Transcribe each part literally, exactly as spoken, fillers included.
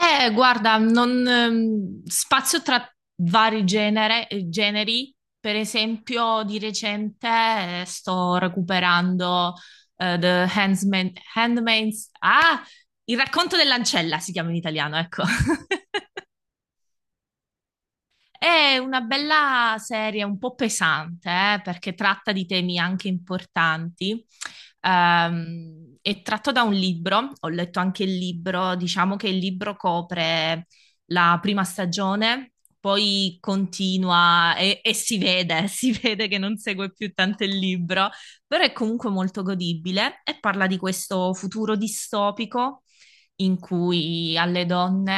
Eh, guarda, non, ehm, spazio tra vari genere- eh, generi. Per esempio, di recente eh, sto recuperando eh, The Handsman- Handmaid's. Ah! Il racconto dell'ancella si chiama in italiano, ecco. È una bella serie, un po' pesante, eh, perché tratta di temi anche importanti. Ehm, è tratto da un libro, ho letto anche il libro, diciamo che il libro copre la prima stagione, poi continua e, e si vede, si vede che non segue più tanto il libro, però è comunque molto godibile e parla di questo futuro distopico in cui alle donne,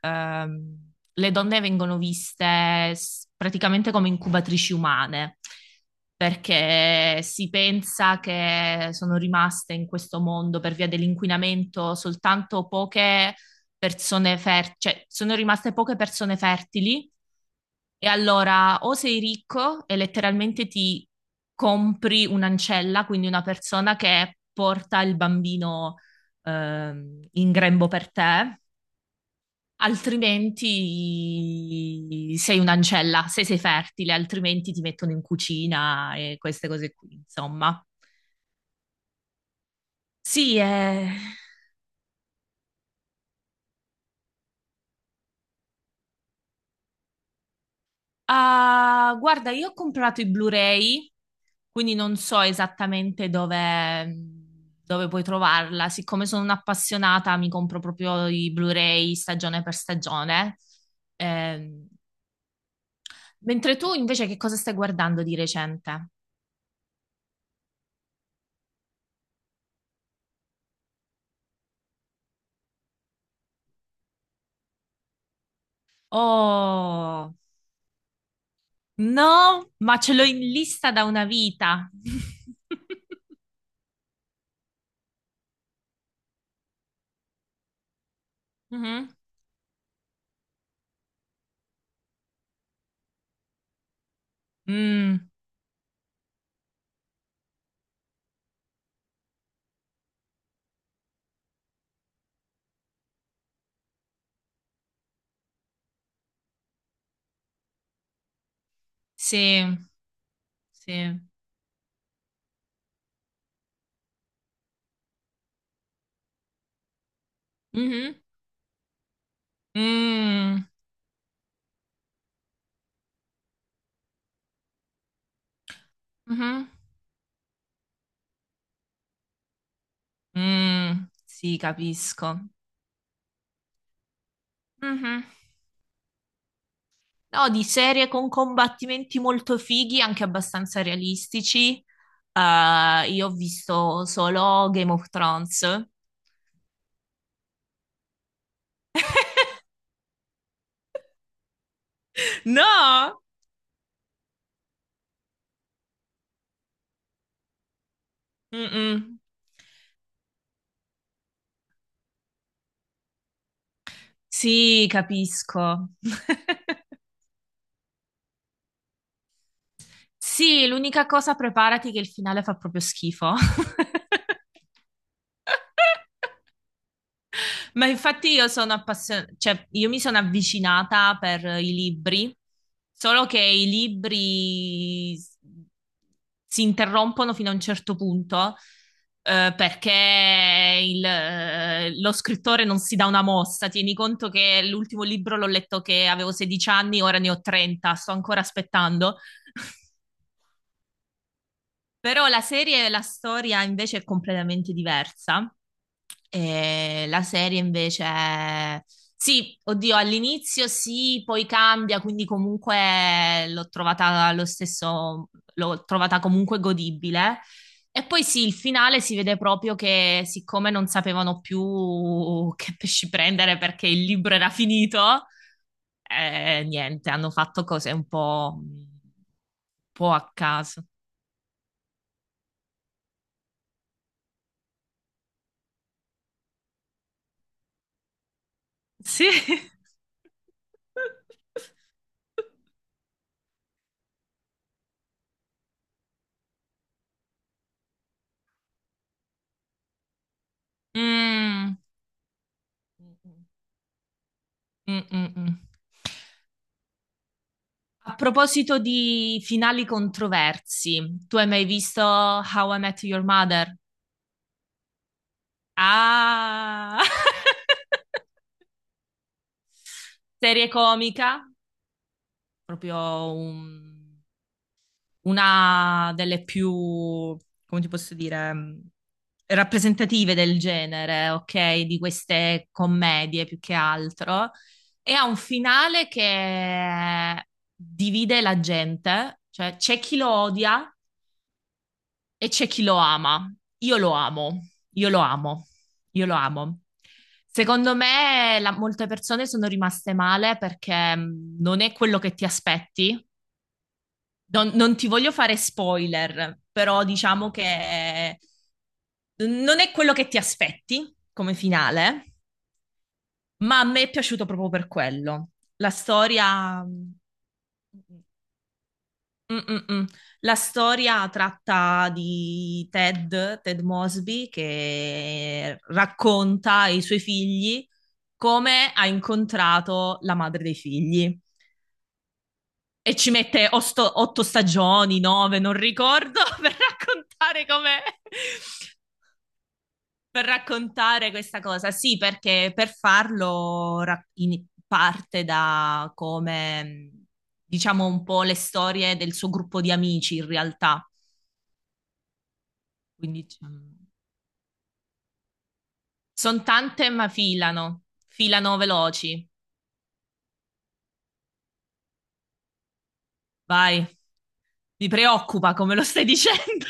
ehm, le donne vengono viste s- praticamente come incubatrici umane, perché si pensa che sono rimaste in questo mondo per via dell'inquinamento soltanto poche persone fertili, cioè sono rimaste poche persone fertili. E allora o sei ricco e letteralmente ti compri un'ancella, quindi una persona che porta il bambino ehm, in grembo per te. Altrimenti sei un'ancella, se sei fertile, altrimenti ti mettono in cucina e queste cose qui, insomma. Sì, eh. Ah, guarda, io ho comprato i Blu-ray, quindi non so esattamente dove, dove puoi trovarla. Siccome sono un'appassionata, mi compro proprio i Blu-ray stagione per stagione. Ehm, mentre tu invece che cosa stai guardando di recente? Oh, no, ma ce l'ho in lista da una vita. Mhm. Mm, sì, sì. Mhm. Mm, mhm. Mm, sì, capisco. Mhm. No, di serie con combattimenti molto fighi, anche abbastanza realistici. eh, io ho visto solo Game of Thrones. No! Mm-mm. Sì, capisco. Sì, l'unica cosa preparati che il finale fa proprio schifo. Ma infatti io sono appassionata, cioè io mi sono avvicinata per i libri, solo che i libri s- si interrompono fino a un certo punto, eh, perché il, eh, lo scrittore non si dà una mossa. Tieni conto che l'ultimo libro l'ho letto che avevo sedici anni, ora ne ho trenta, sto ancora aspettando. Però la serie, la storia invece è completamente diversa. Eh, la serie invece è. Sì, oddio, all'inizio sì, poi cambia, quindi comunque l'ho trovata lo stesso, l'ho trovata comunque godibile. E poi sì, il finale si vede proprio che siccome non sapevano più che pesci prendere perché il libro era finito, eh, niente, hanno fatto cose un po', un po' a caso. Sì. Mm, mm, mm, mm. A proposito di finali controversi, tu hai mai visto How I Met Your Mother? Ah! Serie comica, proprio un- una delle più, come ti posso dire, mh, rappresentative del genere, ok? Di queste commedie più che altro. E ha un finale che divide la gente, cioè c'è chi lo odia e c'è chi lo ama. Io lo amo, io lo amo, io lo amo. Secondo me la- molte persone sono rimaste male perché mh, non è quello che ti aspetti, non, non ti voglio fare spoiler, però diciamo che eh, non è quello che ti aspetti come finale, ma a me è piaciuto proprio per quello. La storia. Mm-mm-mm. La storia tratta di Ted, Ted Mosby, che racconta ai suoi figli come ha incontrato la madre dei figli. E ci mette osto- otto stagioni, nove, non ricordo, per raccontare com'è, per raccontare questa cosa. Sì, perché per farlo ra- in- parte da come, diciamo, un po' le storie del suo gruppo di amici, in realtà. Quindi sono tante, ma filano, filano veloci. Vai, mi preoccupa come lo stai dicendo.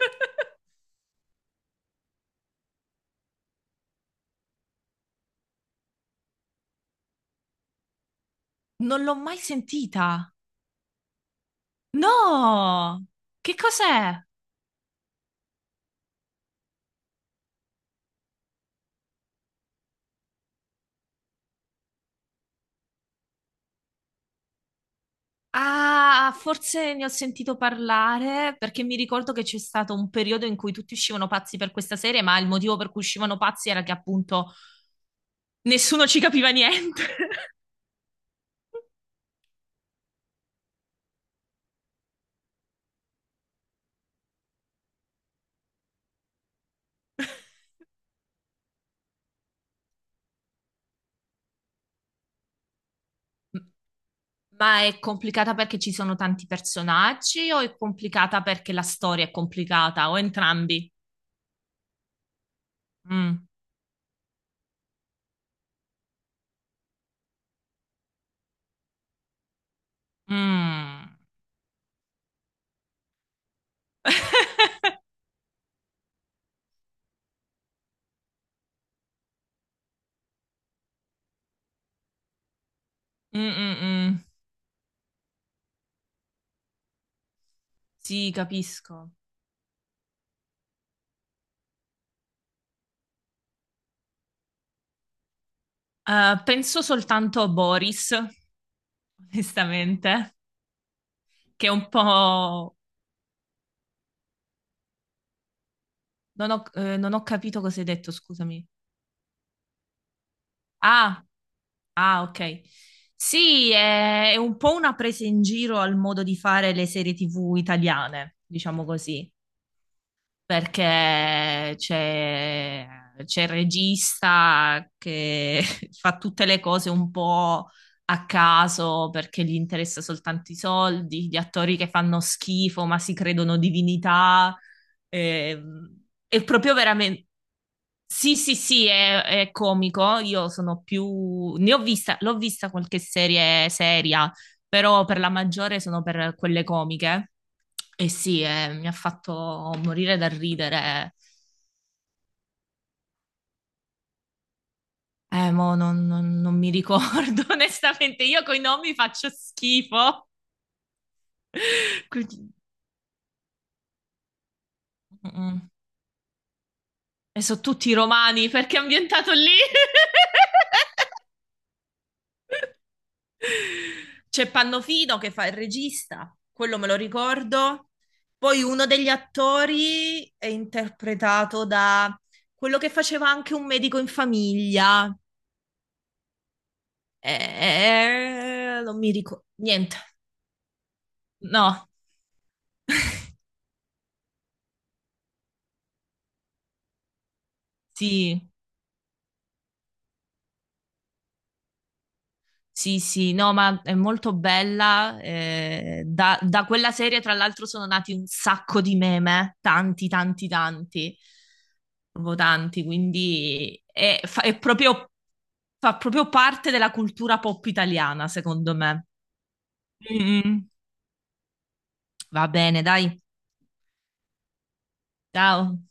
Non l'ho mai sentita. No! Che cos'è? Ah, forse ne ho sentito parlare perché mi ricordo che c'è stato un periodo in cui tutti uscivano pazzi per questa serie, ma il motivo per cui uscivano pazzi era che appunto nessuno ci capiva niente. Ma è complicata perché ci sono tanti personaggi o è complicata perché la storia è complicata o entrambi? Mm. Mm. Mm, mm, mm. Sì, capisco. Eh, penso soltanto a Boris, onestamente. Che è un po'. Non ho, eh, non ho capito cosa hai detto, scusami. Ah, ah, ok. Sì, è, è un po' una presa in giro al modo di fare le serie T V italiane, diciamo così, perché c'è c'è il regista che fa tutte le cose un po' a caso perché gli interessa soltanto i soldi, gli attori che fanno schifo ma si credono divinità. Ehm, È proprio veramente. Sì, sì, sì, è, è comico. Io sono più. Ne ho vista, l'ho vista qualche serie seria, però per la maggiore sono per quelle comiche. E sì, eh, mi ha fatto morire dal ridere. Eh, mo non, non- non mi ricordo, onestamente. Io coi nomi faccio schifo. Quindi. Mm, mm. E sono tutti romani, perché è ambientato lì. C'è Pannofino che fa il regista, quello me lo ricordo. Poi uno degli attori è interpretato da quello che faceva anche un medico in famiglia. Eh, non mi ricordo niente. No. Sì. Sì, sì, no, ma è molto bella. eh, da, da quella serie, tra l'altro, sono nati un sacco di meme, tanti, tanti, tanti, proprio tanti, quindi è, fa- è proprio, fa proprio parte della cultura pop italiana, secondo me. Mm, mm. Va bene, dai, ciao.